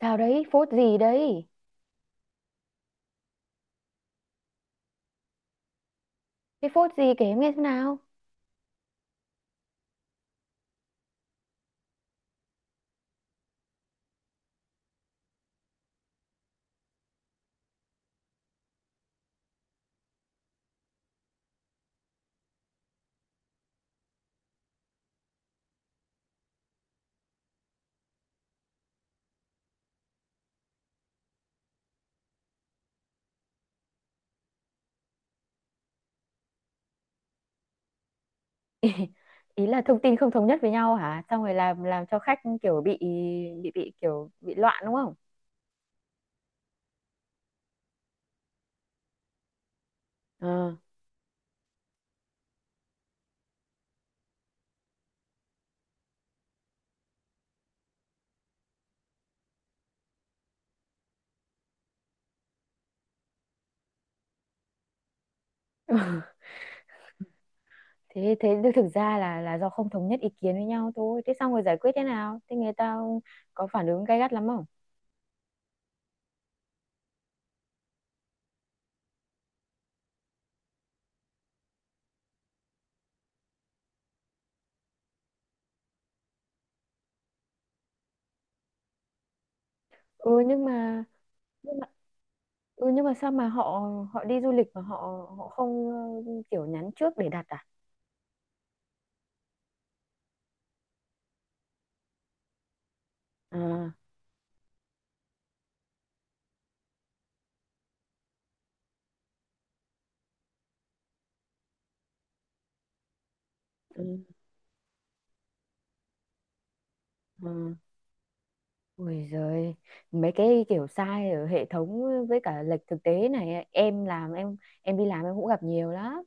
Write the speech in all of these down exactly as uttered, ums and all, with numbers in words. Sao đấy, phốt gì đấy? Cái phốt gì kể em nghe xem nào. Ý, ý là thông tin không thống nhất với nhau hả? Xong rồi làm làm cho khách kiểu bị bị bị kiểu bị loạn đúng không? Ờ. Thế thế thực ra là là do không thống nhất ý kiến với nhau thôi. Thế xong rồi giải quyết thế nào? Thế người ta có phản ứng gay gắt lắm không? Ừ nhưng mà nhưng mà ừ nhưng mà sao mà họ họ đi du lịch mà họ họ không ờ, kiểu nhắn trước để đặt à? À. Ừ. Ừ. Ôi giời, mấy cái kiểu sai ở hệ thống với cả lệch thực tế này ấy, em làm em em đi làm em cũng gặp nhiều lắm.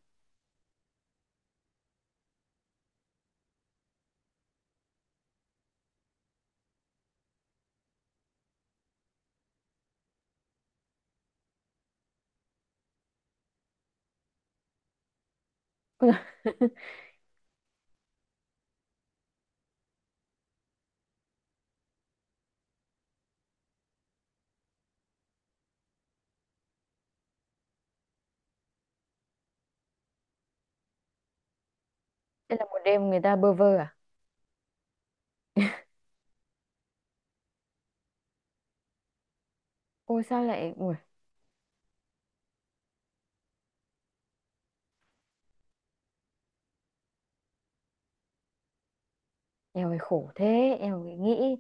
Thế là một đêm người ta bơ vơ à? Ôi sao lại ui, em ơi khổ thế, em phải nghĩ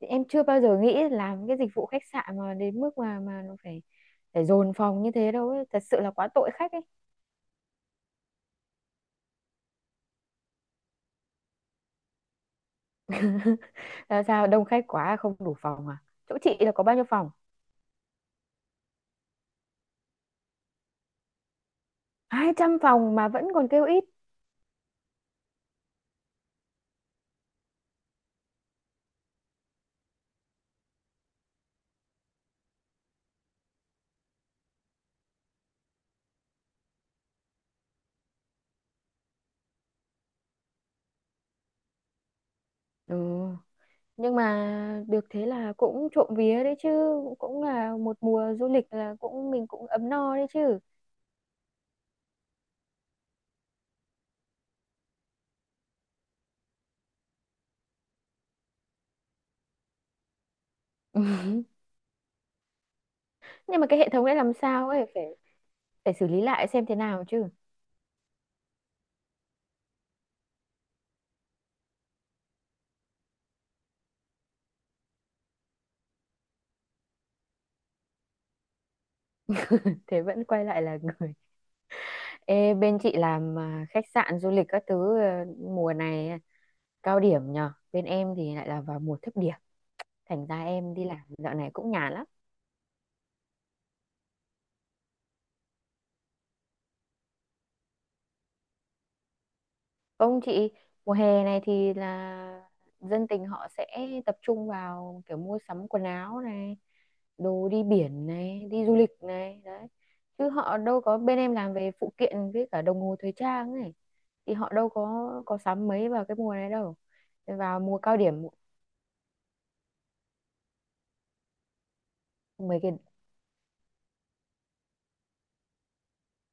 em chưa bao giờ nghĩ làm cái dịch vụ khách sạn mà đến mức mà mà nó phải phải dồn phòng như thế đâu ấy, thật sự là quá tội khách ấy. Là sao đông khách quá không đủ phòng à? Chỗ chị là có bao nhiêu phòng? Hai trăm phòng mà vẫn còn kêu ít. Ừ, nhưng mà được thế là cũng trộm vía đấy chứ, cũng là một mùa du lịch là cũng mình cũng ấm no đấy chứ. Nhưng mà cái hệ thống đấy làm sao ấy, phải phải xử lý lại xem thế nào chứ. Thế vẫn quay lại là người. Ê, bên chị làm à, khách sạn du lịch các thứ à, mùa này à, cao điểm nhờ, bên em thì lại là vào mùa thấp điểm, thành ra em đi làm dạo này cũng nhàn lắm. Không chị, mùa hè này thì là dân tình họ sẽ tập trung vào kiểu mua sắm quần áo này, đồ đi biển này, đi du lịch này, đấy. Chứ họ đâu có, bên em làm về phụ kiện với cả đồng hồ thời trang này thì họ đâu có có sắm mấy vào cái mùa này đâu. Vào mùa cao điểm mấy cái,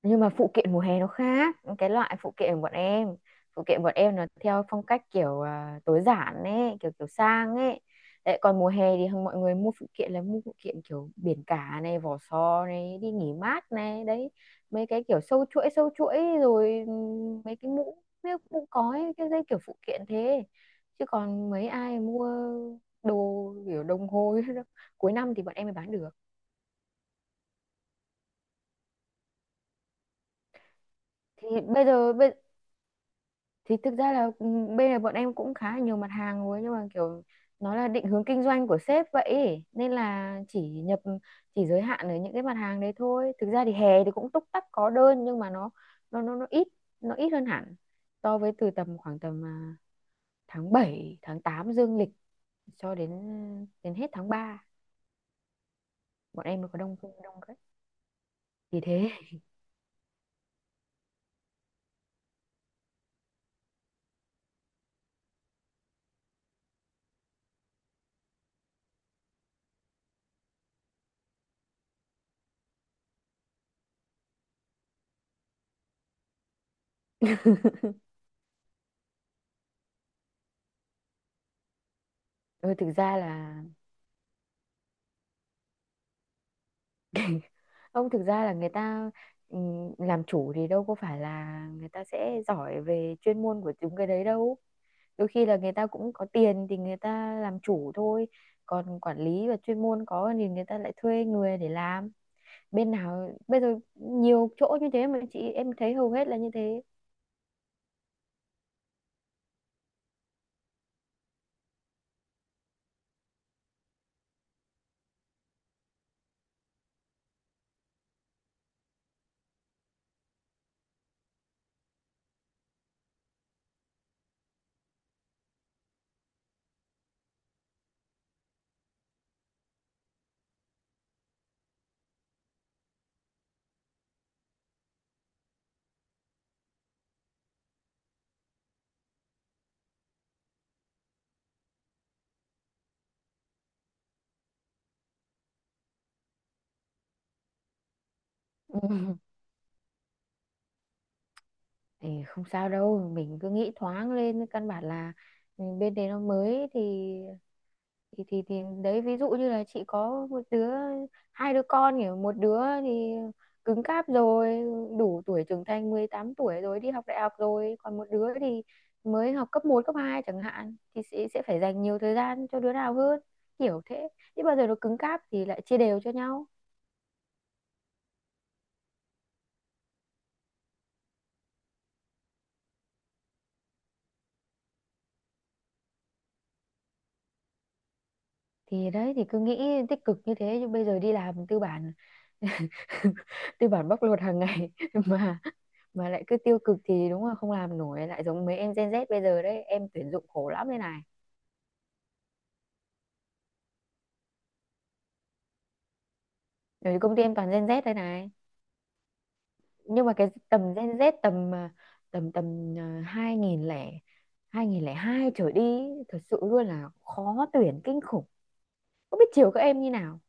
nhưng mà phụ kiện mùa hè nó khác cái loại phụ kiện của bọn em, phụ kiện bọn em nó theo phong cách kiểu à, tối giản ấy, kiểu kiểu sang ấy. Đấy, còn mùa hè thì mọi người mua phụ kiện là mua phụ kiện kiểu biển cả này, vỏ sò này, đi nghỉ mát này, đấy, mấy cái kiểu sâu chuỗi sâu chuỗi rồi ừm, mấy cái mũ mấy cái mũ cói, cái dây, kiểu phụ kiện thế, chứ còn mấy ai mua đồ kiểu đồng hồ. Cuối năm thì bọn em mới bán được. Thì bây giờ bây thì thực ra là ừ, bên này bọn em cũng khá là nhiều mặt hàng rồi, nhưng mà kiểu nó là định hướng kinh doanh của sếp vậy ấy, nên là chỉ nhập, chỉ giới hạn ở những cái mặt hàng đấy thôi. Thực ra thì hè thì cũng túc tắc có đơn, nhưng mà nó nó nó, nó ít nó ít hơn hẳn so với từ tầm, khoảng tầm à, tháng bảy tháng tám dương lịch cho đến đến hết tháng ba bọn em mới có đông, đông đấy thì thế. Ừ, thực ra là không, thực ra là người ta ừm, làm chủ thì đâu có phải là người ta sẽ giỏi về chuyên môn của chúng cái đấy đâu, đôi khi là người ta cũng có tiền thì người ta làm chủ thôi, còn quản lý và chuyên môn có thì người ta lại thuê người để làm. Bên nào bây giờ nhiều chỗ như thế, mà chị em thấy hầu hết là như thế. Thì không sao đâu, mình cứ nghĩ thoáng lên, căn bản là ừ, bên đấy nó mới, thì thì thì thì đấy ví dụ như là chị có một đứa, hai đứa con, kiểu một đứa thì cứng cáp rồi, đủ tuổi trưởng thành, mười tám tuổi rồi đi học đại học rồi, còn một đứa thì mới học cấp một cấp hai chẳng hạn, thì sẽ sẽ phải dành nhiều thời gian cho đứa nào hơn, kiểu thế, chứ bao giờ nó cứng cáp thì lại chia đều cho nhau. Thì đấy, thì cứ nghĩ tích cực như thế chứ bây giờ đi làm tư bản, tư bản bóc lột hàng ngày mà mà lại cứ tiêu cực thì đúng là không làm nổi, lại giống mấy em Gen Z bây giờ đấy, em tuyển dụng khổ lắm đây này. Ở công ty em toàn Gen Z đây này, nhưng mà cái tầm Gen Z tầm à, tầm tầm à, hai nghìn lẻ hai nghìn lẻ hai trở đi, ý, thật sự luôn là khó tuyển kinh khủng, không biết chiều các em như nào.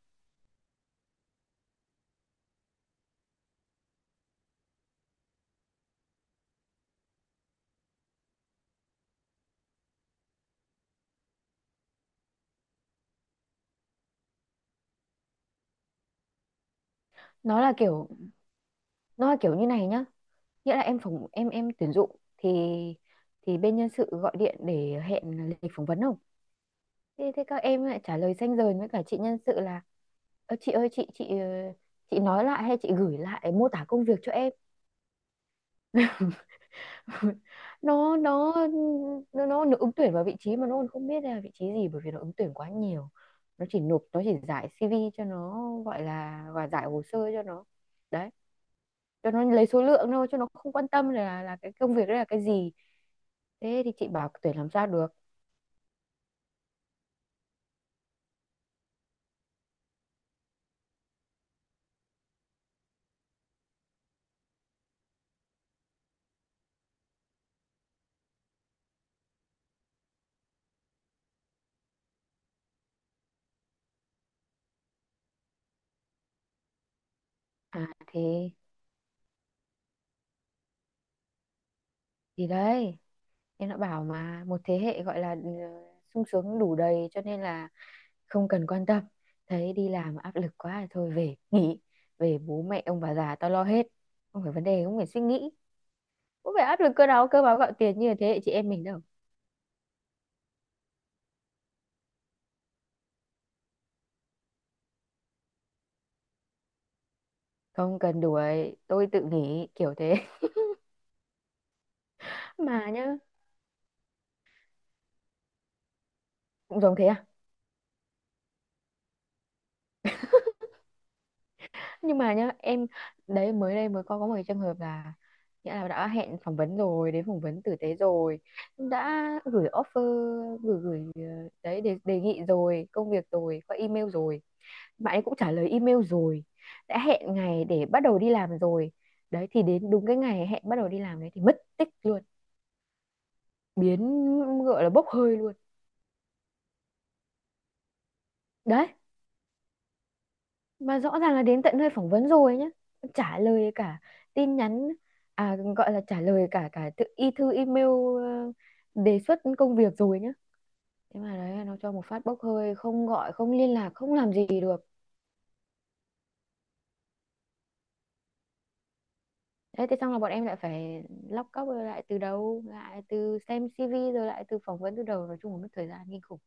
Nó là kiểu, nó là kiểu như này nhá, nghĩa là em phỏng em em tuyển dụng thì thì bên nhân sự gọi điện để hẹn lịch phỏng vấn không. Thế, thế các em lại trả lời ranh rời với cả chị nhân sự là: "Ơ, chị ơi, chị chị ờ, chị nói lại hay chị gửi lại mô tả công việc cho em." nó nó nó nó, nó ứng tuyển vào vị trí mà nó còn không biết đây là vị trí gì, bởi vì nó ứng tuyển quá nhiều, nó chỉ nộp, nó chỉ giải xê vê cho nó, gọi là và giải hồ sơ cho nó, đấy, cho nó lấy số lượng thôi, cho nó không quan tâm là là cái công việc đấy là cái gì, thế thì chị bảo tuyển làm sao được. À thì thì đấy em đã bảo mà, một thế hệ gọi là ừ, sung sướng đủ đầy cho nên là không cần quan tâm, thấy đi làm áp lực quá thôi về nghỉ, về bố mẹ ông bà già tao lo hết, không phải vấn đề, không phải suy nghĩ, không phải áp lực cơ áo cơ báo gạo tiền như thế hệ chị em mình đâu. Không cần đuổi tôi tự nghỉ kiểu thế. Mà nhá, cũng giống thế à. Nhưng mà nhá em, đấy mới đây mới có có một cái trường hợp là, nghĩa là đã hẹn phỏng vấn rồi, đến phỏng vấn tử tế rồi, đã gửi offer gửi gửi ờ, đấy đề, đề nghị rồi công việc rồi qua email rồi, bạn ấy cũng trả lời email rồi, đã hẹn ngày để bắt đầu đi làm rồi. Đấy thì đến đúng cái ngày hẹn bắt đầu đi làm đấy thì mất tích luôn, biến, gọi là bốc hơi luôn đấy. Mà rõ ràng là đến tận nơi phỏng vấn rồi nhá, trả lời cả tin nhắn, à gọi là trả lời cả cả tự y thư email, ờ, đề xuất công việc rồi nhá. Thế mà đấy, nó cho một phát bốc hơi, không gọi, không liên lạc, không làm gì được. Thế thì xong là bọn em lại phải lóc cóc rồi lại từ đầu, lại từ xem xê vê rồi lại từ phỏng vấn từ đầu, nói chung là mất thời gian kinh khủng.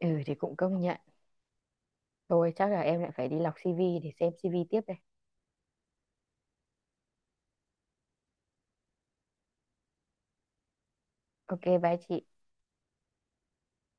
Ừ thì cũng công nhận. Thôi chắc là em lại phải đi lọc xê vê để xem xê vê tiếp đây. Ok, bye chị.